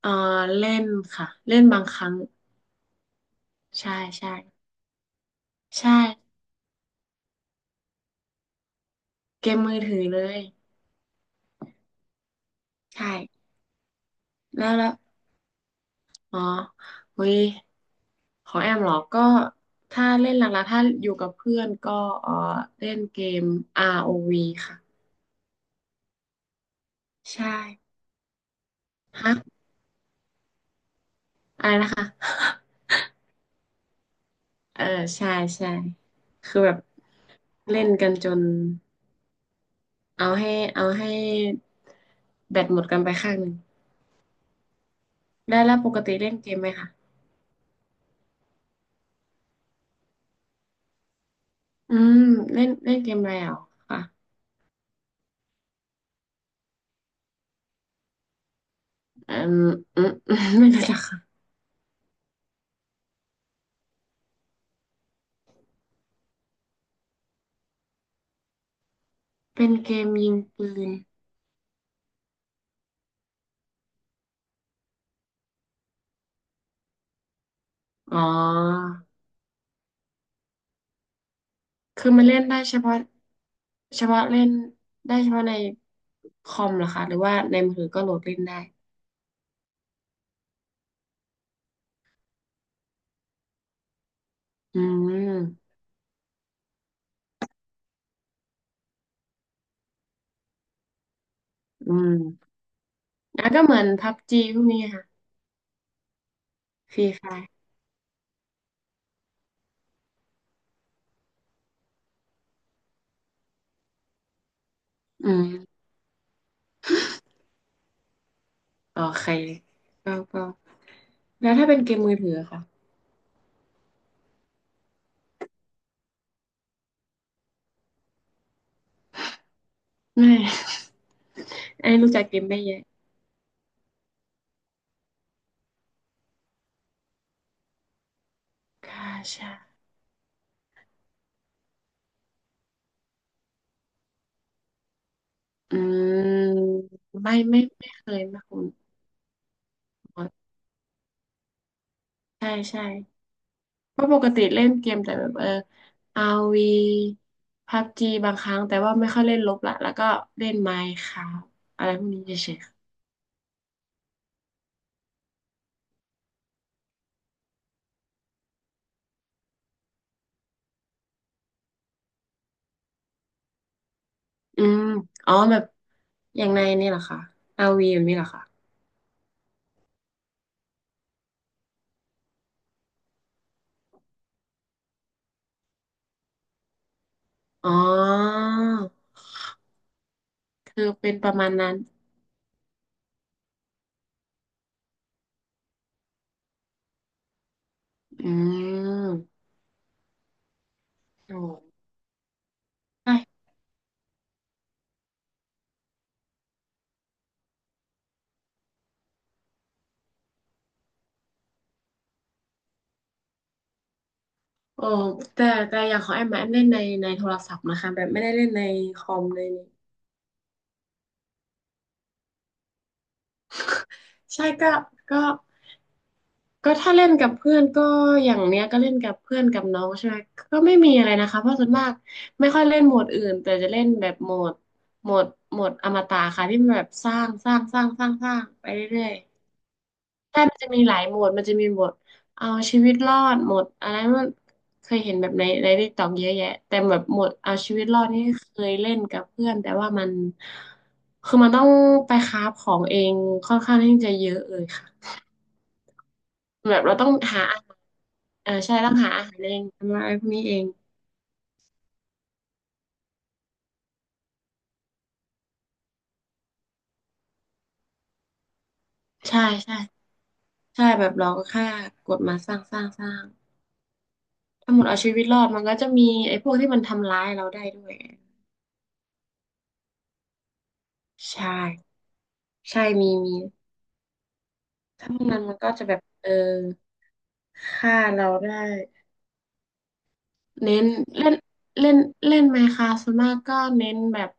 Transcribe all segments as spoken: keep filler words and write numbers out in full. เออเล่นค่ะเล่นบางครั้งใช่ใช่ใช่เกมมือถือเลยใช่แล้วแล้วอ๋อเฮ้ยของแอมเหรอก็ถ้าเล่นหลักๆถ้าอยู่กับเพื่อนก็เออเล่นเกม อาร์ โอ วี ค่ะใช่ฮะอะไรนะคะ เออใช่ใช่คือแบบเล่นกันจนเอาให้เอาให้แบตหมดกันไปข้างหนึ่งได้แล้วปกติเล่นเกมไหมคะ อืมเล่นเล่นเกมอะไรอ่ะค่ะอืมอืม อืมไม่รู้จักค่ะเป็นเกมยิงปืนอ๋อคือมันเล่นได้เฉพาะเฉพาะเล่นได้เฉพาะในคอมเหรอคะหรือว่าในมือถือก็โหลดเล่นได้อืมอืมแล้วก็เหมือนพับจีพวกนี้ค่ะฟรีไฟอืมโอเคก็ก็แล้วถ้าเป็นเกมมือถืออะค่ะไม่ ไอ้รู้จักเกมไม่เยอะกาชา อืมไม่ไม่ไม่เคยไม่คุ้นใช่ใช่เพราะปกติเล่นเกมแต่แบบเอออาร์วีพับจีบางครั้งแต่ว่าไม่ค่อยเล่นลบละแล้วก็เล่นไมน์คราฟอะไรพวกนี้เฉยๆค่ะอืมอ๋อแบบอย่างในนี่เหรอคะอาร์วีแบบนี้เหรอคะอ๋อคือเป็นประมาณนั้นอืมโอ้ใช่โอ้แต่แต่อย่างของแอมอะแอมเล่นในในโทรศัพท์นะคะแบบไม่ได้เล่นในคอมเลยใช่ก็ก็ ก็ถ้าเล่นกับเพื่อนก็อย่างเนี้ยก็เล่นกับเพื่อนกับน้องใช่ไหมก็ไม่มีอะไรนะคะเพราะส่วนมากไม่ค่อยเล่นโหมดอื่นแต่จะเล่นแบบโหมดโหมดโหมดอมตะค่ะที่มันแบบสร้างสร้างสร้างสร้างสร้างไปเรื่อยๆใช่มันจะมีหลายโหมดมันจะมีโหมดเอาชีวิตรอดโหมดอะไรมันเคยเห็นแบบในในติ๊กต็อกเยอะแยะแต่แบบโหมดเอาชีวิตรอดนี่เคยเล่นกับเพื่อนแต่ว่ามันคือมันต้องไปคราฟของเองค่อนข้างที่จะเยอะเลยค่ะแบบเราต้องหา เออใช่ต้องหาอาหารเองทำอะไรพวกนี้เองใช่ใช่ใช่แบบเราก็แค่กดมาสร้างสร้างสร้างถ้าหมดเอาชีวิตรอดมันก็จะมีไอ้พวกที่มันทำร้ายเราได้ด้วยใช่ใช่มีมีถ้าพวกนั้นมันก็จะแบบเออฆ่าเราได้เน้นเล่นเล่นเล่นไมน์คราฟต์ส่วนมากก็เน้นแบบ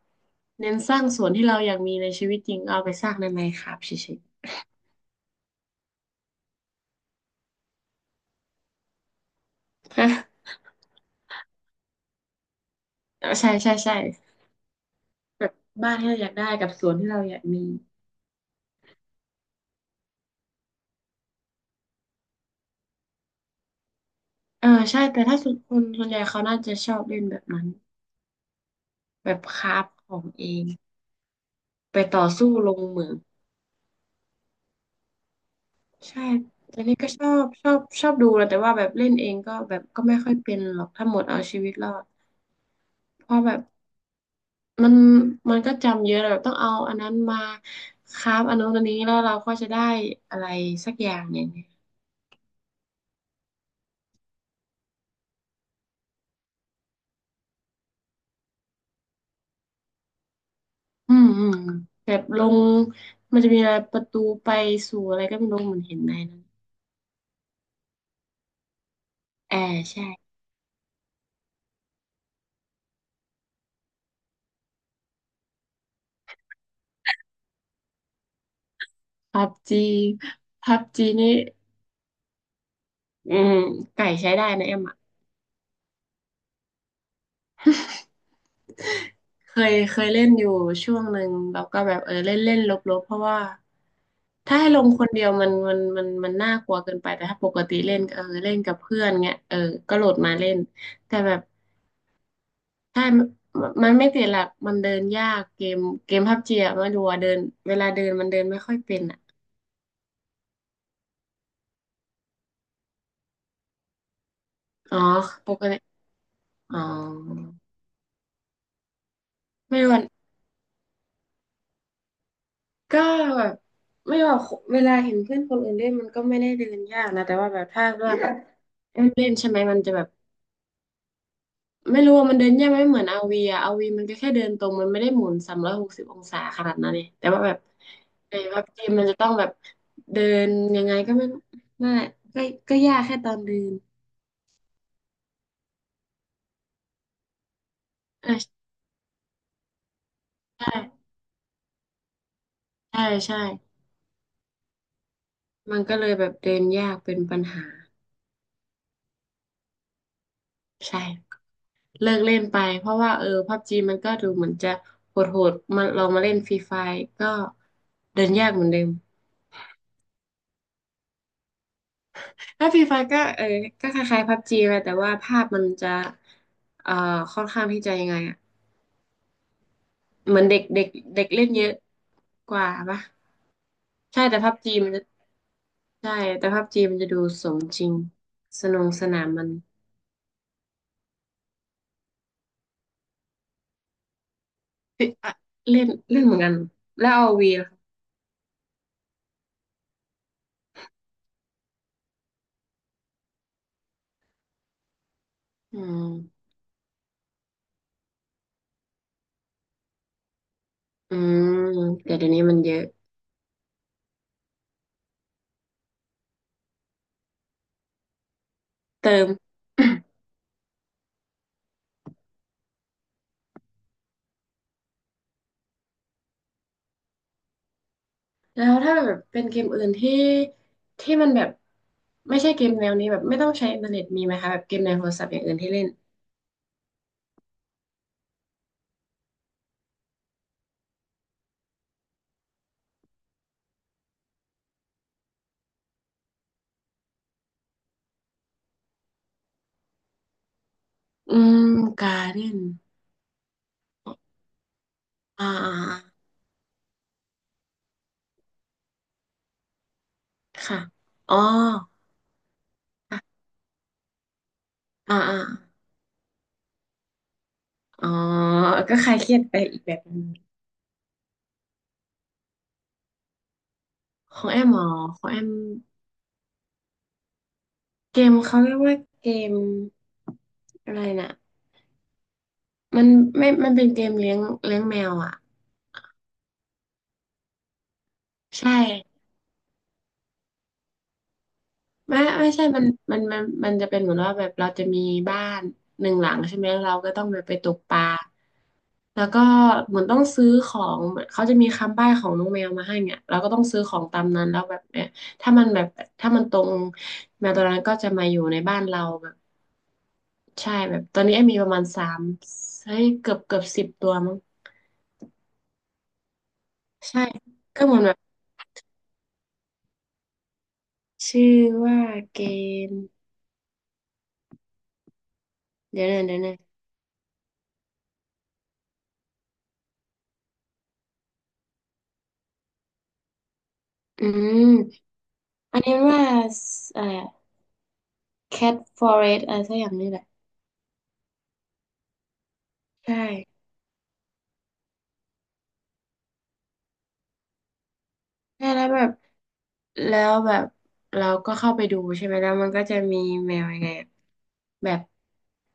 เน้นสร้างส่วนที่เราอยากมีในชีวิตจริงเอาไปสร้างในไมน์คราฟต์เฉยๆฮะเออ ใช่ใช่ใช่แบบบ้านที่เราอยากได้กับสวนที่เราอยากมี เออใช่แต่ถ้าสุดคนส่วนใหญ่เขาน่าจะชอบเล่นแบบนั้นแบบคราฟของเองไปต่อสู้ลงมือใช่แต่นี่ก็ชอบชอบชอบดูนะแต่ว่าแบบเล่นเองก็แบบก็ไม่ค่อยเป็นหรอกถ้าหมดเอาชีวิตรอดเพราะแบบมันมันก็จำเยอะแบบต้องเอาอันนั้นมาคราฟอันนู้นอันนี้แล้วเราก็จะได้อะไรสักอย่างหนึ่งอืมอืมแบบลงมันจะมีอะไรประตูไปสู่อะไรก็ไม่รู้เหมือนเห็นในนั้นแอร์ใช่พับจีพับจีนี่ อืมไก่ใช้ได้นะแอมอ่ะ เคยเคยเล่นอยู่ช่วงหนึ่งแล้วก็แบบเออเล่นเล่นลบๆเพราะว่าถ้าให้ลงคนเดียวมันมันมันมันน่ากลัวเกินไปแต่ถ้าปกติเล่นเออเล่นกับเพื่อนเงี้ยเออก็โหลดมาเล่นแต่แบบถ้ามันไม่ติดหลักมันเดินยากเกมเกมพับจีอะไม่รู้อะเดินเวลาเดินมันเดินไม่ค่อยเป็นอ่ะอ๋อปกติอ๋อไม่รู้ ก็แบบไม่ว่าเวลาเห็นเพื่อนคนอื่นเล่นมันก็ไม่ได้เดินยากนะแต่ว่าแบบถ้าเลือกเล่นใช่ไหมมันจะแบบไม่รู้ว่ามันเดินยากไหมเหมือนอาวีอะอาวีมันก็แค่เดินตรงมันไม่ได้หมุนสามร้อยหกสิบองศาขนาดนั้นเลยแต่ว่าแบบในวับเกมมันจะต้องแบบเดินยังไงก็ไม่ไม่ก็ก็ยากแค่ตอนเดินอ่ะใช่ใช่ใช่มันก็เลยแบบเดินยากเป็นปัญหาใช่ เลิกเล่นไปเพราะว่าเออพับจีมันก็ดูเหมือนจะโหดโหดมาลองมาเล่นฟรีไฟก็เดินยากเหมือนเดิมถ้าฟรีไฟก็เออก็คล้ายๆพับจีแหละแต่ว่าภาพมันจะเอ่อค่อนข้างที่จะยังไงอะเหมือนเด็กเด็กเด็กเล่นเยอะกว่าปะใช่แต่พับจีมันจะใช่แต่พับจีมันจะดูสมจริงสนุกสนานมันเอ๊ะอะเล่นเล่นเหมือนกันแล้วเอาวีล่ะคะอืมอืมแต่เดี๋ยวนี้มันเยอะเติม แล้วถ้าแบบเป็นเกมอื่นที่ที่มันแบบไม่ใช่เกมแนวนี้แบบไม่ต้องใช้อินเทอร์เน็ตมีไหมคะแบบเกมในโทรศัพท์อย่างอื่นที่เล่นอืมการ์เดนอ่าอ่าอ่าค่ะอ๋ออ่าอ่าอ๋อก็คลายเครียดไปอีกแบบหนึงของแอมอ๋อของแอมเกมเขาเรียกว่าเกมอะไรน่ะมันไม่มันเป็นเกมเลี้ยงเลี้ยงแมวอ่ะใช่ ไม่ไม่ใช่มันมันมันมันจะเป็นเหมือนว่าแบบเราจะมีบ้านหนึ่งหลังใช่ไหมเราก็ต้องไปไปตกปลาแล้วก็เหมือนต้องซื้อของเหมือนเขาจะมีคำใบ้ของน้องแมวมาให้เนี่ยเราก็ต้องซื้อของตามนั้นแล้วแบบเนี่ยถ้ามันแบบถ้ามันตรงแมวตัวนั้นก็จะมาอยู่ในบ้านเราแบบใช่แบบตอนนี้ไอ้มีประมาณสามเฮ้ยเกือบเกือบสิบตัวมั้งใช่ก็เหมือนแบบชื่อว่าเกมเดี๋ยวนะเดี๋ยวนะอืมอันนี้ว่าสอะไร แคทฟอเรสอะไรสักอย่างนี่แหละใช่ใช่แล้วแบบแล้วแบบเราก็เข้าไปดูใช่ไหมแล้วมันก็จะมีแมวยังไงอะแบบ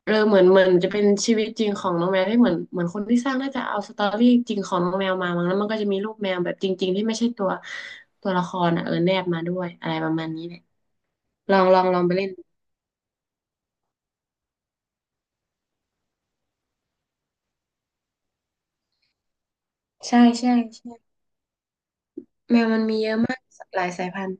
เออเหมือนเหมือนจะเป็นชีวิตจริงของน้องแมวที่เหมือนเหมือนคนที่สร้างน่าจะเอาสตอรี่จริงของน้องแมวมามั้งแล้วมันก็จะมีรูปแมวแบบจริงๆที่ไม่ใช่ตัวตัวละครอ่ะเออแนบมาด้วยอะไรประมาณนี้แหละลองลองลองไปเล่นใช่ใช่ใช่แมวมันมีเยอะมากหลายสายพันธุ์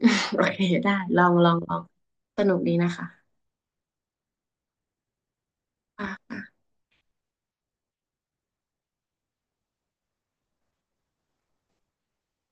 โอเคได้ลองลองลองสนุกดีนะคะค่ะ